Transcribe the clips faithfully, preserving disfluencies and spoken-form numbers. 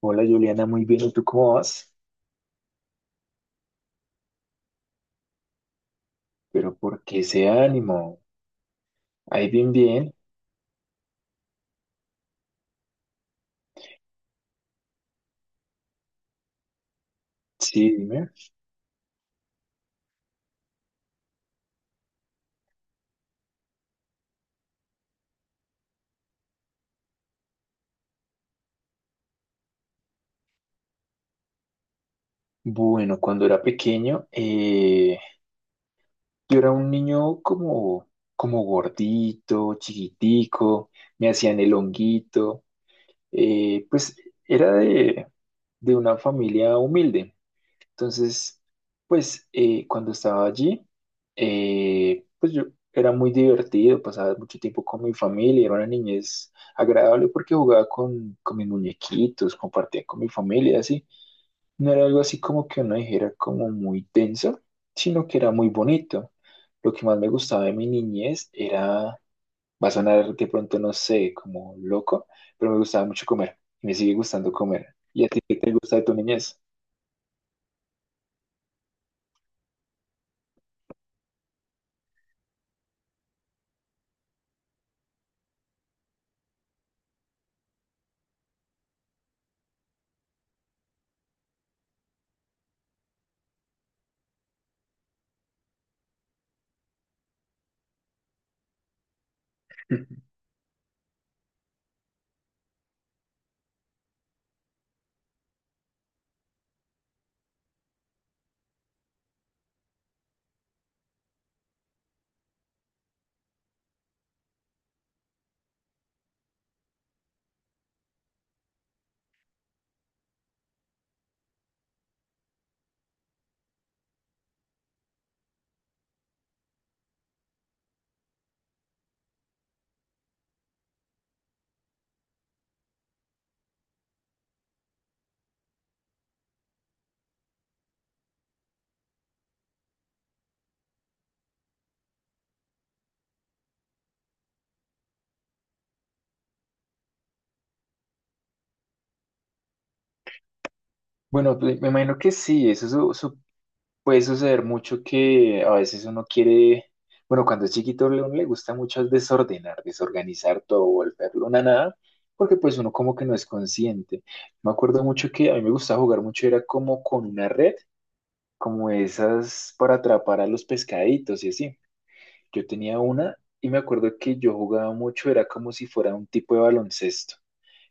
Hola Juliana, muy bien, ¿y tú cómo vas? Pero ¿por qué ese ánimo? Ahí bien, bien. Sí, dime. Bueno, cuando era pequeño, eh, yo era un niño como, como gordito, chiquitico, me hacían el honguito. Eh, pues era de, de una familia humilde. Entonces, pues eh, cuando estaba allí, eh, pues yo era muy divertido, pasaba mucho tiempo con mi familia, era una niñez agradable porque jugaba con, con mis muñequitos, compartía con mi familia, así. No era algo así como que uno dijera como muy denso, sino que era muy bonito. Lo que más me gustaba de mi niñez era... Va a sonar de pronto, no sé, como loco, pero me gustaba mucho comer y me sigue gustando comer. ¿Y a ti qué te gusta de tu niñez? Bueno, pues me imagino que sí, eso su- su- puede suceder mucho que a veces uno quiere, bueno, cuando es chiquito le- uno le gusta mucho desordenar, desorganizar todo, volverlo una nada, porque pues uno como que no es consciente. Me acuerdo mucho que a mí me gustaba jugar mucho, era como con una red, como esas para atrapar a los pescaditos y así. Yo tenía una y me acuerdo que yo jugaba mucho, era como si fuera un tipo de baloncesto.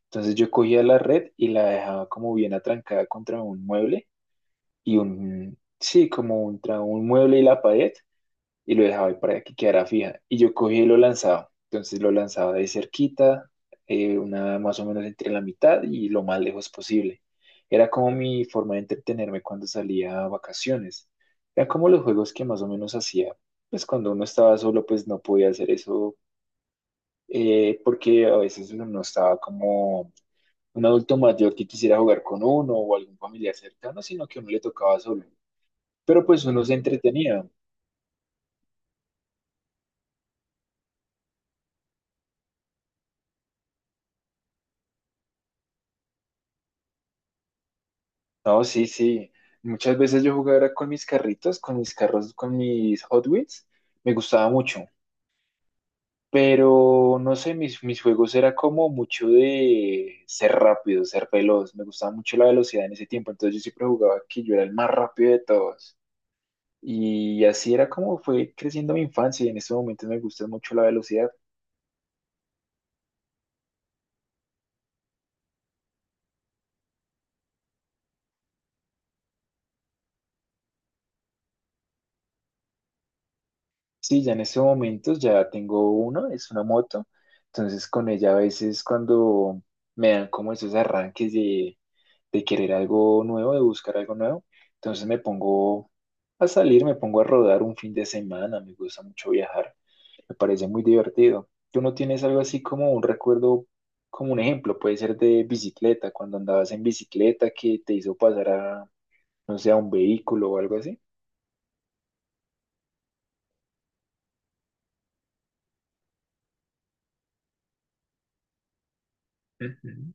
Entonces yo cogía la red y la dejaba como bien atrancada contra un mueble y un, sí, como contra un mueble y la pared y lo dejaba ahí para que quedara fija. Y yo cogía y lo lanzaba. Entonces lo lanzaba de cerquita, eh, una más o menos entre la mitad y lo más lejos posible. Era como mi forma de entretenerme cuando salía a vacaciones. Era como los juegos que más o menos hacía. Pues cuando uno estaba solo, pues no podía hacer eso, eh, porque a veces uno no estaba como un adulto mayor que quisiera jugar con uno o algún familiar cercano, sino que a uno le tocaba solo. Pero pues uno se entretenía. No, sí, sí. Muchas veces yo jugaba era con mis carritos, con mis carros, con mis Hot Wheels. Me gustaba mucho. Pero no sé, mis, mis juegos era como mucho de ser rápido, ser veloz. Me gustaba mucho la velocidad en ese tiempo. Entonces yo siempre jugaba que yo era el más rápido de todos. Y así era como fue creciendo mi infancia. Y en ese momentos me gusta mucho la velocidad. Sí, ya en estos momentos ya tengo uno, es una moto. Entonces con ella a veces cuando me dan como esos arranques de, de querer algo nuevo, de buscar algo nuevo, entonces me pongo a salir, me pongo a rodar un fin de semana, me gusta mucho viajar, me parece muy divertido. ¿Tú no tienes algo así como un recuerdo, como un ejemplo? Puede ser de bicicleta, cuando andabas en bicicleta que te hizo pasar a, no sé, a un vehículo o algo así. Ujú.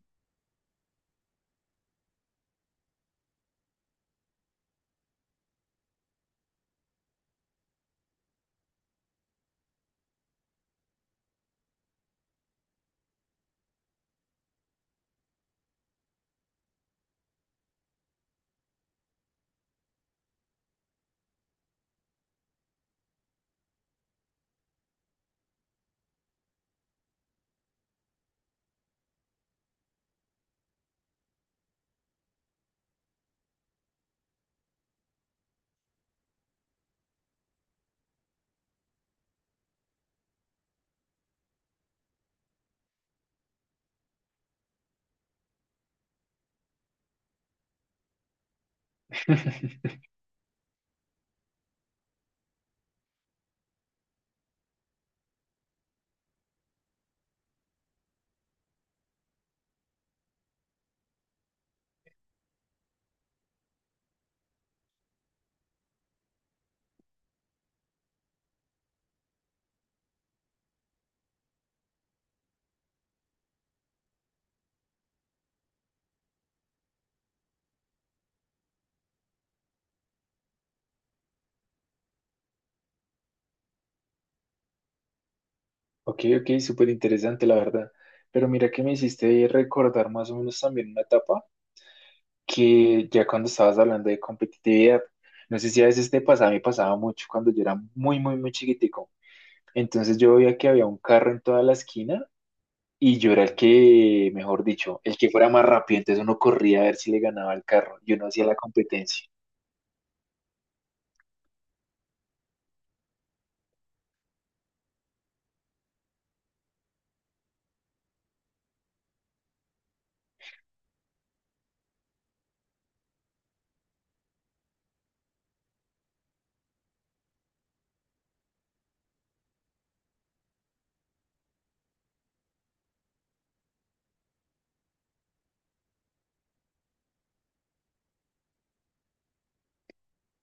Ok, ok, súper interesante, la verdad. Pero mira que me hiciste recordar más o menos también una etapa que ya cuando estabas hablando de competitividad, no sé si a veces te pasaba, me pasaba mucho cuando yo era muy, muy, muy chiquitico. Entonces yo veía que había un carro en toda la esquina y yo era el que, mejor dicho, el que fuera más rápido. Entonces uno corría a ver si le ganaba al carro y uno hacía la competencia.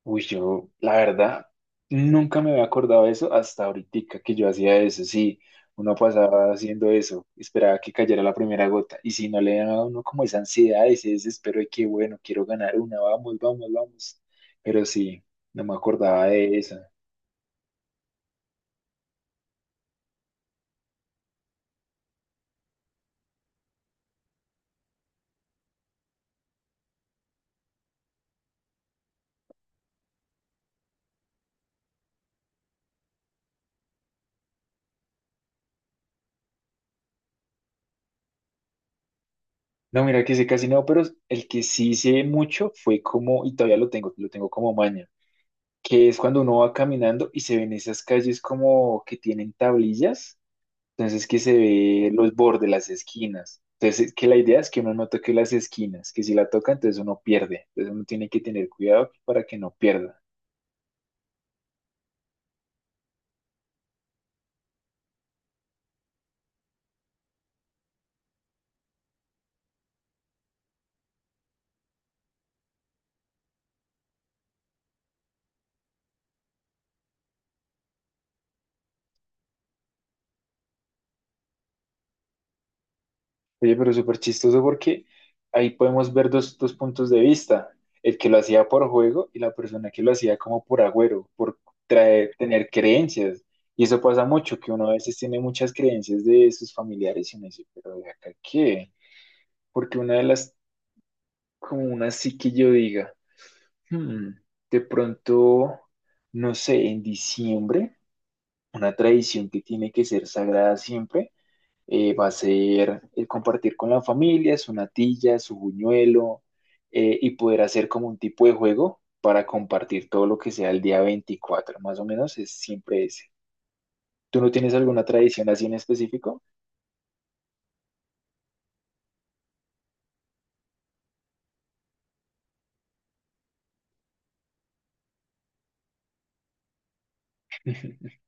Uy, yo, la verdad, nunca me había acordado de eso hasta ahorita que yo hacía eso. Sí, uno pasaba haciendo eso, esperaba que cayera la primera gota. Y si no le daba a uno como esa ansiedad, ese desespero de que, bueno, quiero ganar una, vamos, vamos, vamos. Pero sí, no me acordaba de eso. No, mira que sé casi no, pero el que sí hice mucho fue como, y todavía lo tengo, lo tengo como maña, que es cuando uno va caminando y se ven esas calles como que tienen tablillas. Entonces que se ve los bordes, las esquinas. Entonces que la idea es que uno no toque las esquinas, que si la toca entonces uno pierde. Entonces uno tiene que tener cuidado para que no pierda. Oye, pero súper chistoso porque ahí podemos ver dos, dos puntos de vista. El que lo hacía por juego y la persona que lo hacía como por agüero, por traer, tener creencias. Y eso pasa mucho, que uno a veces tiene muchas creencias de sus familiares y uno dice, pero de acá qué, porque una de las, como una sí que yo diga. Hmm, de pronto, no sé, en diciembre, una tradición que tiene que ser sagrada siempre eh, va a ser el compartir con la familia su natilla, su buñuelo, eh, y poder hacer como un tipo de juego para compartir todo lo que sea el día veinticuatro más o menos es siempre ese. ¿Tú no tienes alguna tradición así en específico?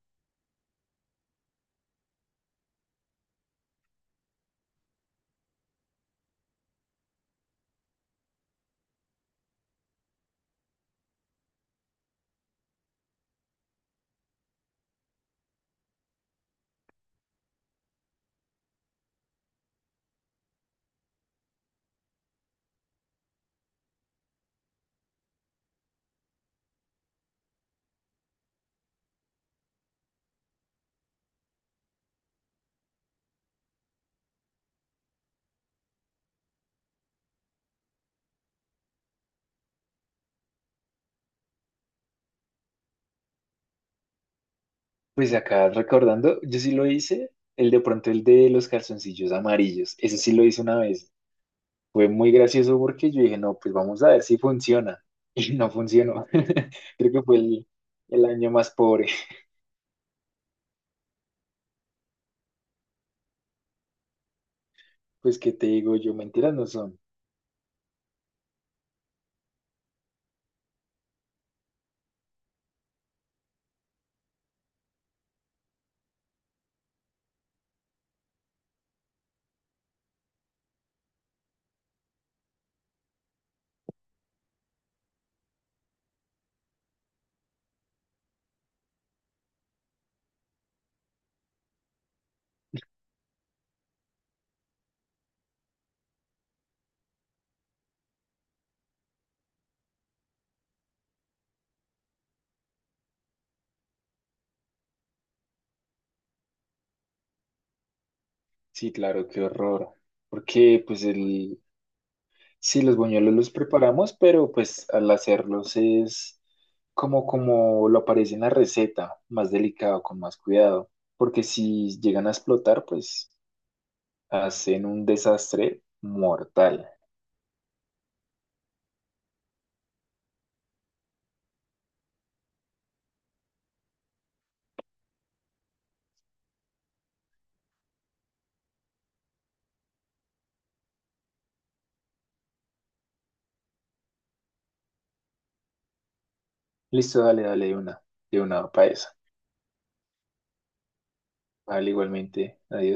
Pues acá recordando, yo sí lo hice, el de pronto el de los calzoncillos amarillos, ese sí lo hice una vez. Fue muy gracioso porque yo dije, no, pues vamos a ver si funciona. Y no funcionó. Creo que fue el, el año más pobre. Pues qué te digo yo, mentiras no son. Sí, claro, qué horror. Porque pues el, sí, los buñuelos los preparamos, pero pues al hacerlos es como, como lo aparece en la receta, más delicado, con más cuidado. Porque si llegan a explotar, pues hacen un desastre mortal. Listo, dale, dale de una, de una para eso. Vale, igualmente. Adiós.